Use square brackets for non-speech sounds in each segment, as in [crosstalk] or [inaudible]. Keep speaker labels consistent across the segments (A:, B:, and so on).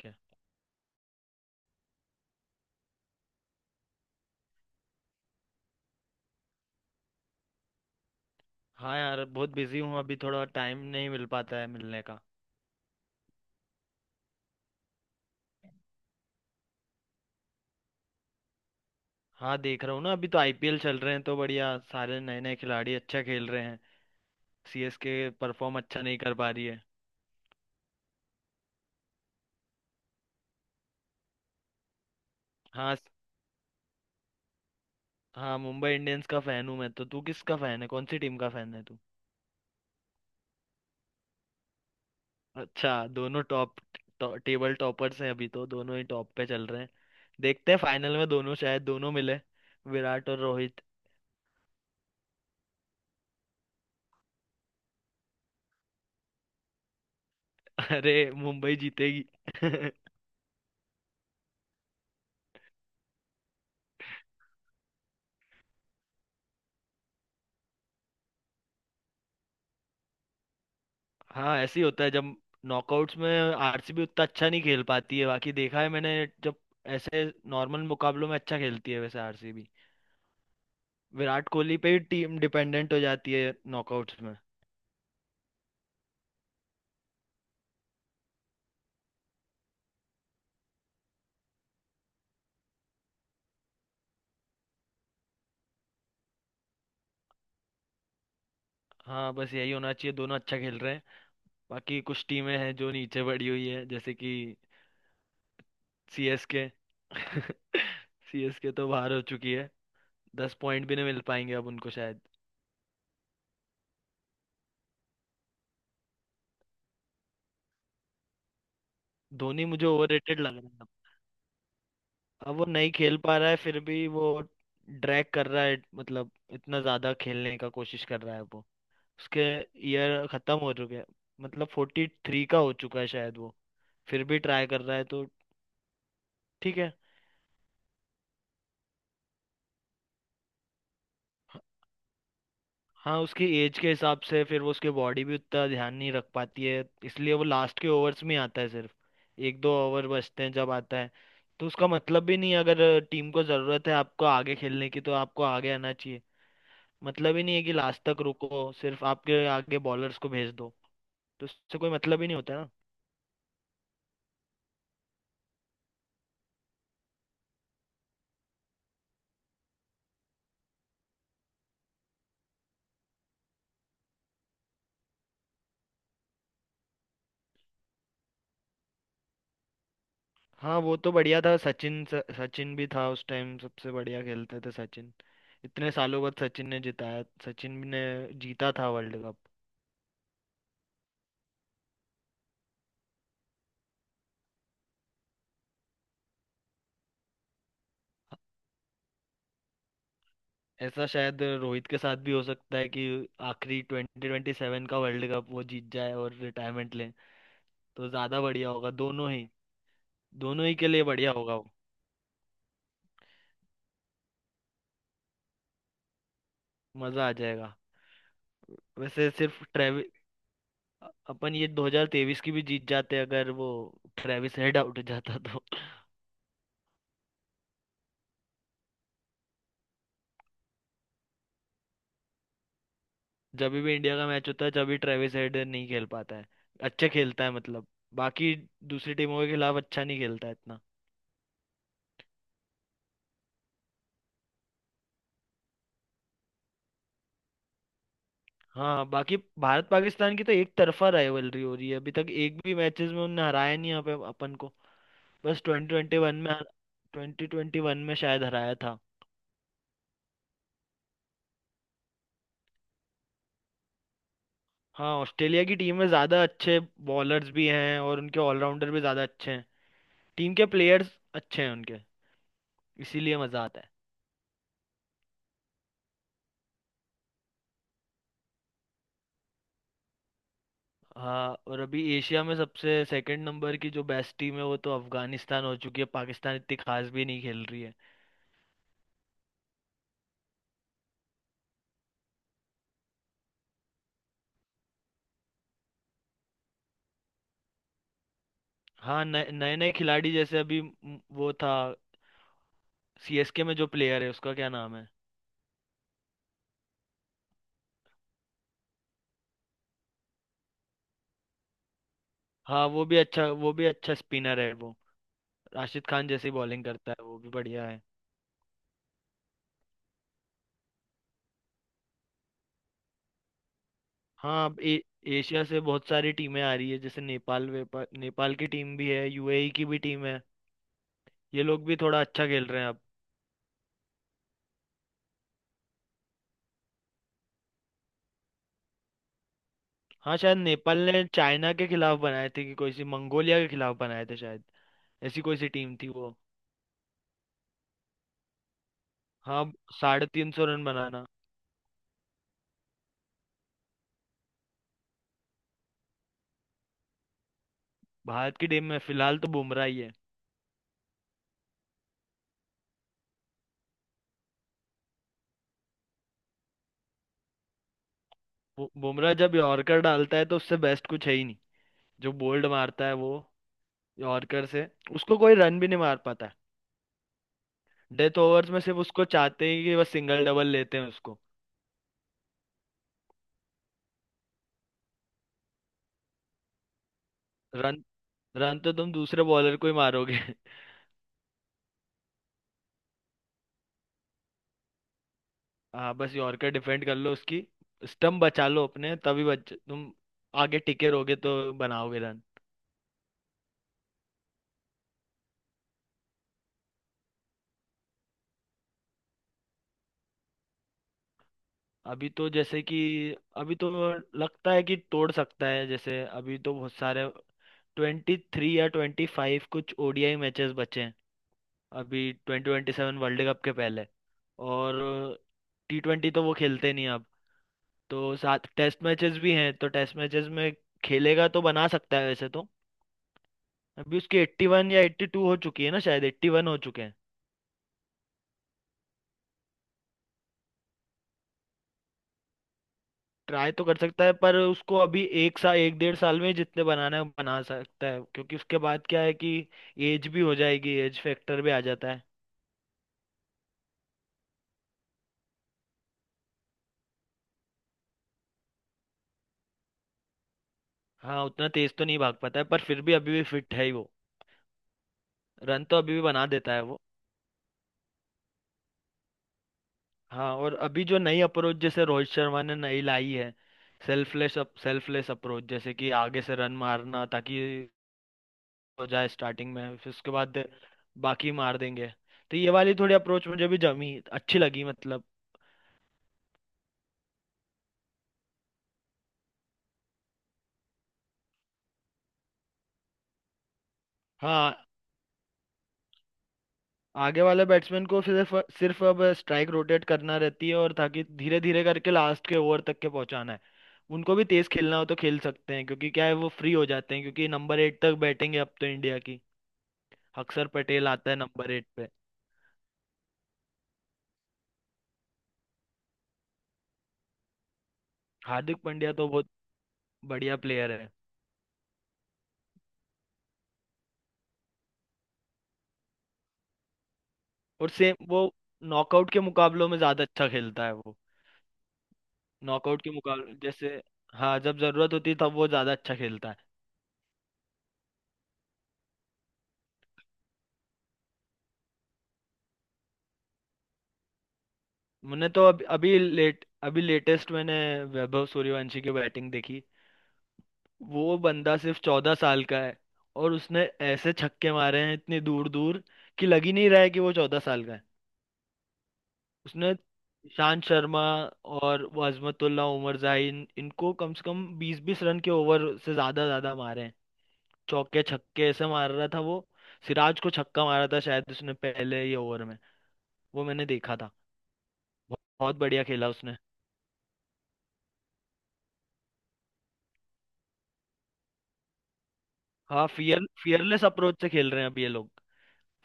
A: क्या। हाँ यार, बहुत बिजी हूँ। अभी थोड़ा टाइम नहीं मिल पाता है मिलने का। हाँ, देख रहा हूँ ना। अभी तो आईपीएल चल रहे हैं तो बढ़िया सारे नए नए खिलाड़ी अच्छा खेल रहे हैं। सीएसके परफॉर्म अच्छा नहीं कर पा रही है। हाँ हाँ, मुंबई इंडियंस का फैन हूँ मैं तो। तू किसका फैन है? कौन सी टीम का फैन है तू? अच्छा। दोनों टॉप टेबल टॉपर्स हैं अभी तो। दोनों ही टॉप पे चल रहे हैं। देखते हैं फाइनल में दोनों, शायद दोनों मिले। विराट और रोहित। [laughs] अरे मुंबई जीतेगी। [laughs] हाँ ऐसे ही होता है जब नॉकआउट्स में आरसीबी उतना अच्छा नहीं खेल पाती है। बाकी देखा है मैंने, जब ऐसे नॉर्मल मुकाबलों में अच्छा खेलती है वैसे आरसीबी। विराट कोहली पे ही टीम डिपेंडेंट हो जाती है नॉकआउट्स में। हाँ बस यही होना चाहिए, दोनों अच्छा खेल रहे हैं। बाकी कुछ टीमें हैं जो नीचे पड़ी हुई है, जैसे कि सीएसके। सीएसके [laughs] तो बाहर हो चुकी है। 10 पॉइंट भी नहीं मिल पाएंगे अब उनको शायद। धोनी मुझे ओवररेटेड लग रहा है। अब वो नहीं खेल पा रहा है फिर भी वो ड्रैग कर रहा है, मतलब इतना ज्यादा खेलने का कोशिश कर रहा है वो। उसके ईयर खत्म हो चुके हैं, मतलब 43 का हो चुका है शायद वो। फिर भी ट्राई कर रहा है तो ठीक है। हाँ उसकी एज के हिसाब से फिर, वो उसकी बॉडी भी उतना ध्यान नहीं रख पाती है, इसलिए वो लास्ट के ओवर्स में ही आता है सिर्फ। एक दो ओवर बचते हैं जब आता है। तो उसका मतलब भी नहीं है, अगर टीम को ज़रूरत है आपको आगे खेलने की तो आपको आगे आना चाहिए। मतलब ही नहीं है कि लास्ट तक रुको, सिर्फ आपके आगे बॉलर्स को भेज दो। तो उससे कोई मतलब ही नहीं होता ना। हाँ वो तो बढ़िया था। सचिन सचिन भी था उस टाइम, सबसे बढ़िया खेलते थे सचिन। इतने सालों बाद सचिन ने जिताया, सचिन ने जीता था वर्ल्ड कप। ऐसा शायद रोहित के साथ भी हो सकता है कि आखिरी 2027 का वर्ल्ड कप वो जीत जाए और रिटायरमेंट ले तो ज़्यादा बढ़िया होगा दोनों ही। दोनों ही के लिए बढ़िया होगा वो। मज़ा आ जाएगा। वैसे सिर्फ अपन ये 2023 की भी जीत जाते, अगर वो ट्रेविस हेड आउट हो जाता तो। [laughs] जब भी इंडिया का मैच होता है जब भी ट्रेविस हेड नहीं खेल पाता है, अच्छा खेलता है मतलब। बाकी दूसरी टीमों के खिलाफ अच्छा नहीं खेलता है इतना। हाँ बाकी भारत पाकिस्तान की तो एक तरफा राइवलरी हो रही है, अभी तक एक भी मैचेस में उन्होंने हराया नहीं यहाँ पे अपन को। बस 2021 में, शायद हराया था। हाँ ऑस्ट्रेलिया की टीम में ज़्यादा अच्छे बॉलर्स भी हैं और उनके ऑलराउंडर भी ज़्यादा अच्छे हैं। टीम के प्लेयर्स अच्छे हैं उनके, इसीलिए मज़ा आता है। हाँ और अभी एशिया में सबसे सेकंड नंबर की जो बेस्ट टीम है वो तो अफगानिस्तान हो चुकी है, पाकिस्तान इतनी खास भी नहीं खेल रही है। हाँ नए नए नए खिलाड़ी, जैसे अभी वो था सीएसके में जो प्लेयर है उसका क्या नाम है। हाँ वो भी अच्छा स्पिनर है वो, राशिद खान जैसी बॉलिंग करता है, वो भी बढ़िया है। हाँ अब एशिया से बहुत सारी टीमें आ रही है, जैसे नेपाल नेपाल की टीम भी है, यूएई की भी टीम है। ये लोग भी थोड़ा अच्छा खेल रहे हैं। हाँ शायद नेपाल ने चाइना के खिलाफ बनाए थे कि कोई सी मंगोलिया के खिलाफ बनाए थे शायद, ऐसी कोई सी टीम थी वो। हाँ 350 रन बनाना। भारत की टीम में फिलहाल तो बुमराह ही है। बुमराह जब यॉर्कर डालता है तो उससे बेस्ट कुछ है ही नहीं। जो बोल्ड मारता है वो यॉर्कर से, उसको कोई रन भी नहीं मार पाता है। डेथ ओवर्स में सिर्फ उसको चाहते हैं कि बस सिंगल डबल लेते हैं उसको। रन रन तो तुम दूसरे बॉलर को ही मारोगे। हाँ बस यॉर्कर डिफेंड कर लो उसकी, स्टंप बचा लो अपने, तभी बच, तुम आगे टिके रहोगे तो बनाओगे रन। अभी तो जैसे कि अभी तो लगता है कि तोड़ सकता है, जैसे अभी तो बहुत सारे 23 या 25 कुछ ओडीआई मैचेस बचे हैं अभी 2027 वर्ल्ड कप के पहले। और टी ट्वेंटी तो वो खेलते नहीं अब तो। 7 टेस्ट मैचेस भी हैं तो टेस्ट मैचेस में खेलेगा तो बना सकता है वैसे तो। अभी उसकी 81 या 82 हो चुकी है ना, शायद 81 हो चुके हैं। ट्राई तो कर सकता है, पर उसको अभी एक साल, एक डेढ़ साल में जितने बनाना है वो बना सकता है, क्योंकि उसके बाद क्या है कि एज भी हो जाएगी, एज फैक्टर भी आ जाता है। हाँ उतना तेज तो नहीं भाग पाता है पर फिर भी अभी भी फिट है ही वो। रन तो अभी भी बना देता है वो। हाँ और अभी जो नई अप्रोच जैसे रोहित शर्मा ने नई लाई है, सेल्फलेस अप्रोच, जैसे कि आगे से रन मारना ताकि हो जाए स्टार्टिंग में, फिर उसके बाद बाकी मार देंगे। तो ये वाली थोड़ी अप्रोच मुझे भी जमी, अच्छी लगी मतलब। हाँ आगे वाले बैट्समैन को सिर्फ सिर्फ अब स्ट्राइक रोटेट करना रहती है और ताकि धीरे धीरे करके लास्ट के ओवर तक के पहुंचाना है। उनको भी तेज खेलना हो तो खेल सकते हैं, क्योंकि क्या है वो फ्री हो जाते हैं क्योंकि नंबर 8 तक बैटिंग है अब तो इंडिया की। अक्षर पटेल आता है नंबर 8 पे। हार्दिक पांड्या तो बहुत बढ़िया प्लेयर है। और सेम वो नॉकआउट के मुकाबलों में ज्यादा अच्छा खेलता है वो। नॉकआउट के मुकाबले जैसे, हाँ जब जरूरत होती है तब वो ज्यादा अच्छा खेलता है। मैंने तो अभी अभी लेटेस्ट मैंने वैभव सूर्यवंशी की बैटिंग देखी। वो बंदा सिर्फ 14 साल का है, और उसने ऐसे छक्के मारे हैं इतनी दूर दूर कि लग ही नहीं रहा है कि वो 14 साल का है। उसने ईशांत शर्मा और वो अजमतुल्ला उमर जाहिन, इनको कम से कम बीस बीस रन के ओवर से ज्यादा ज्यादा मारे हैं। चौके छक्के ऐसे मार रहा था वो। सिराज को छक्का मारा था शायद उसने पहले ही ओवर में, वो मैंने देखा था। बहुत बढ़िया खेला उसने। हाँ फियरलेस अप्रोच से खेल रहे हैं अब ये लोग।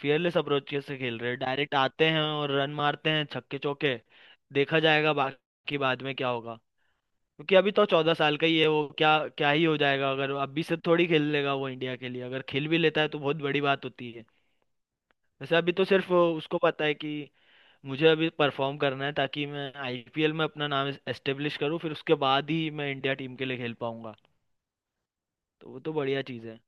A: फियरलेस अप्रोच से खेल रहे हैं, डायरेक्ट आते हैं और रन मारते हैं छक्के चौके। देखा जाएगा बाकी, बाद में क्या होगा। क्योंकि अभी तो 14 साल का ही है वो। क्या क्या ही हो जाएगा, अगर अभी से थोड़ी खेल लेगा वो इंडिया के लिए, अगर खेल भी लेता है तो बहुत बड़ी बात होती है। वैसे अभी तो सिर्फ उसको पता है कि मुझे अभी परफॉर्म करना है ताकि मैं आईपीएल में अपना नाम एस्टेब्लिश करूँ, फिर उसके बाद ही मैं इंडिया टीम के लिए खेल पाऊंगा। तो वो तो बढ़िया चीज़ है।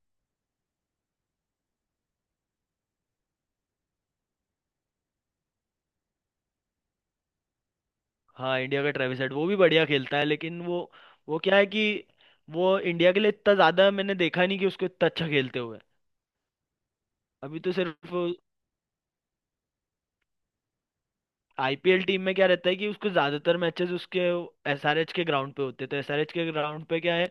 A: हाँ इंडिया का ट्रेविस हेड वो भी बढ़िया खेलता है, लेकिन वो क्या है कि वो इंडिया के लिए इतना ज्यादा मैंने देखा नहीं कि उसको इतना अच्छा खेलते हुए। अभी तो सिर्फ आईपीएल टीम में क्या रहता है कि उसको ज्यादातर मैचेस उसके एसआरएच के ग्राउंड पे होते हैं, तो एसआरएच के ग्राउंड पे क्या है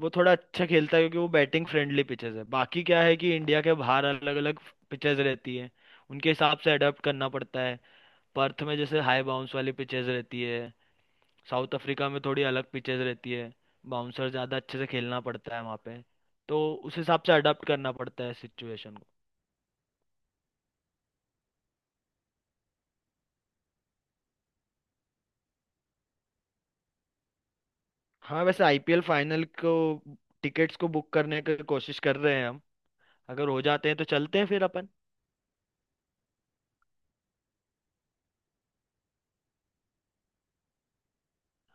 A: वो थोड़ा अच्छा खेलता है, क्योंकि वो बैटिंग फ्रेंडली पिचेस है। बाकी क्या है कि इंडिया के बाहर अलग अलग पिचेस रहती है, उनके हिसाब से अडेप्ट करना पड़ता है। पर्थ में जैसे हाई बाउंस वाली पिचेस रहती है। साउथ अफ्रीका में थोड़ी अलग पिचेस रहती है, बाउंसर ज़्यादा अच्छे से खेलना पड़ता है वहाँ पे। तो उस हिसाब से अडाप्ट करना पड़ता है सिचुएशन को। हाँ वैसे आईपीएल फाइनल को टिकट्स को बुक करने की कोशिश कर रहे हैं हम, अगर हो जाते हैं तो चलते हैं फिर अपन।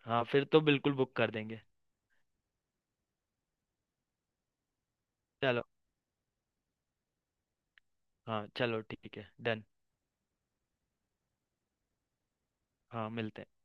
A: हाँ फिर तो बिल्कुल बुक कर देंगे। चलो, हाँ चलो ठीक है डन। हाँ मिलते हैं।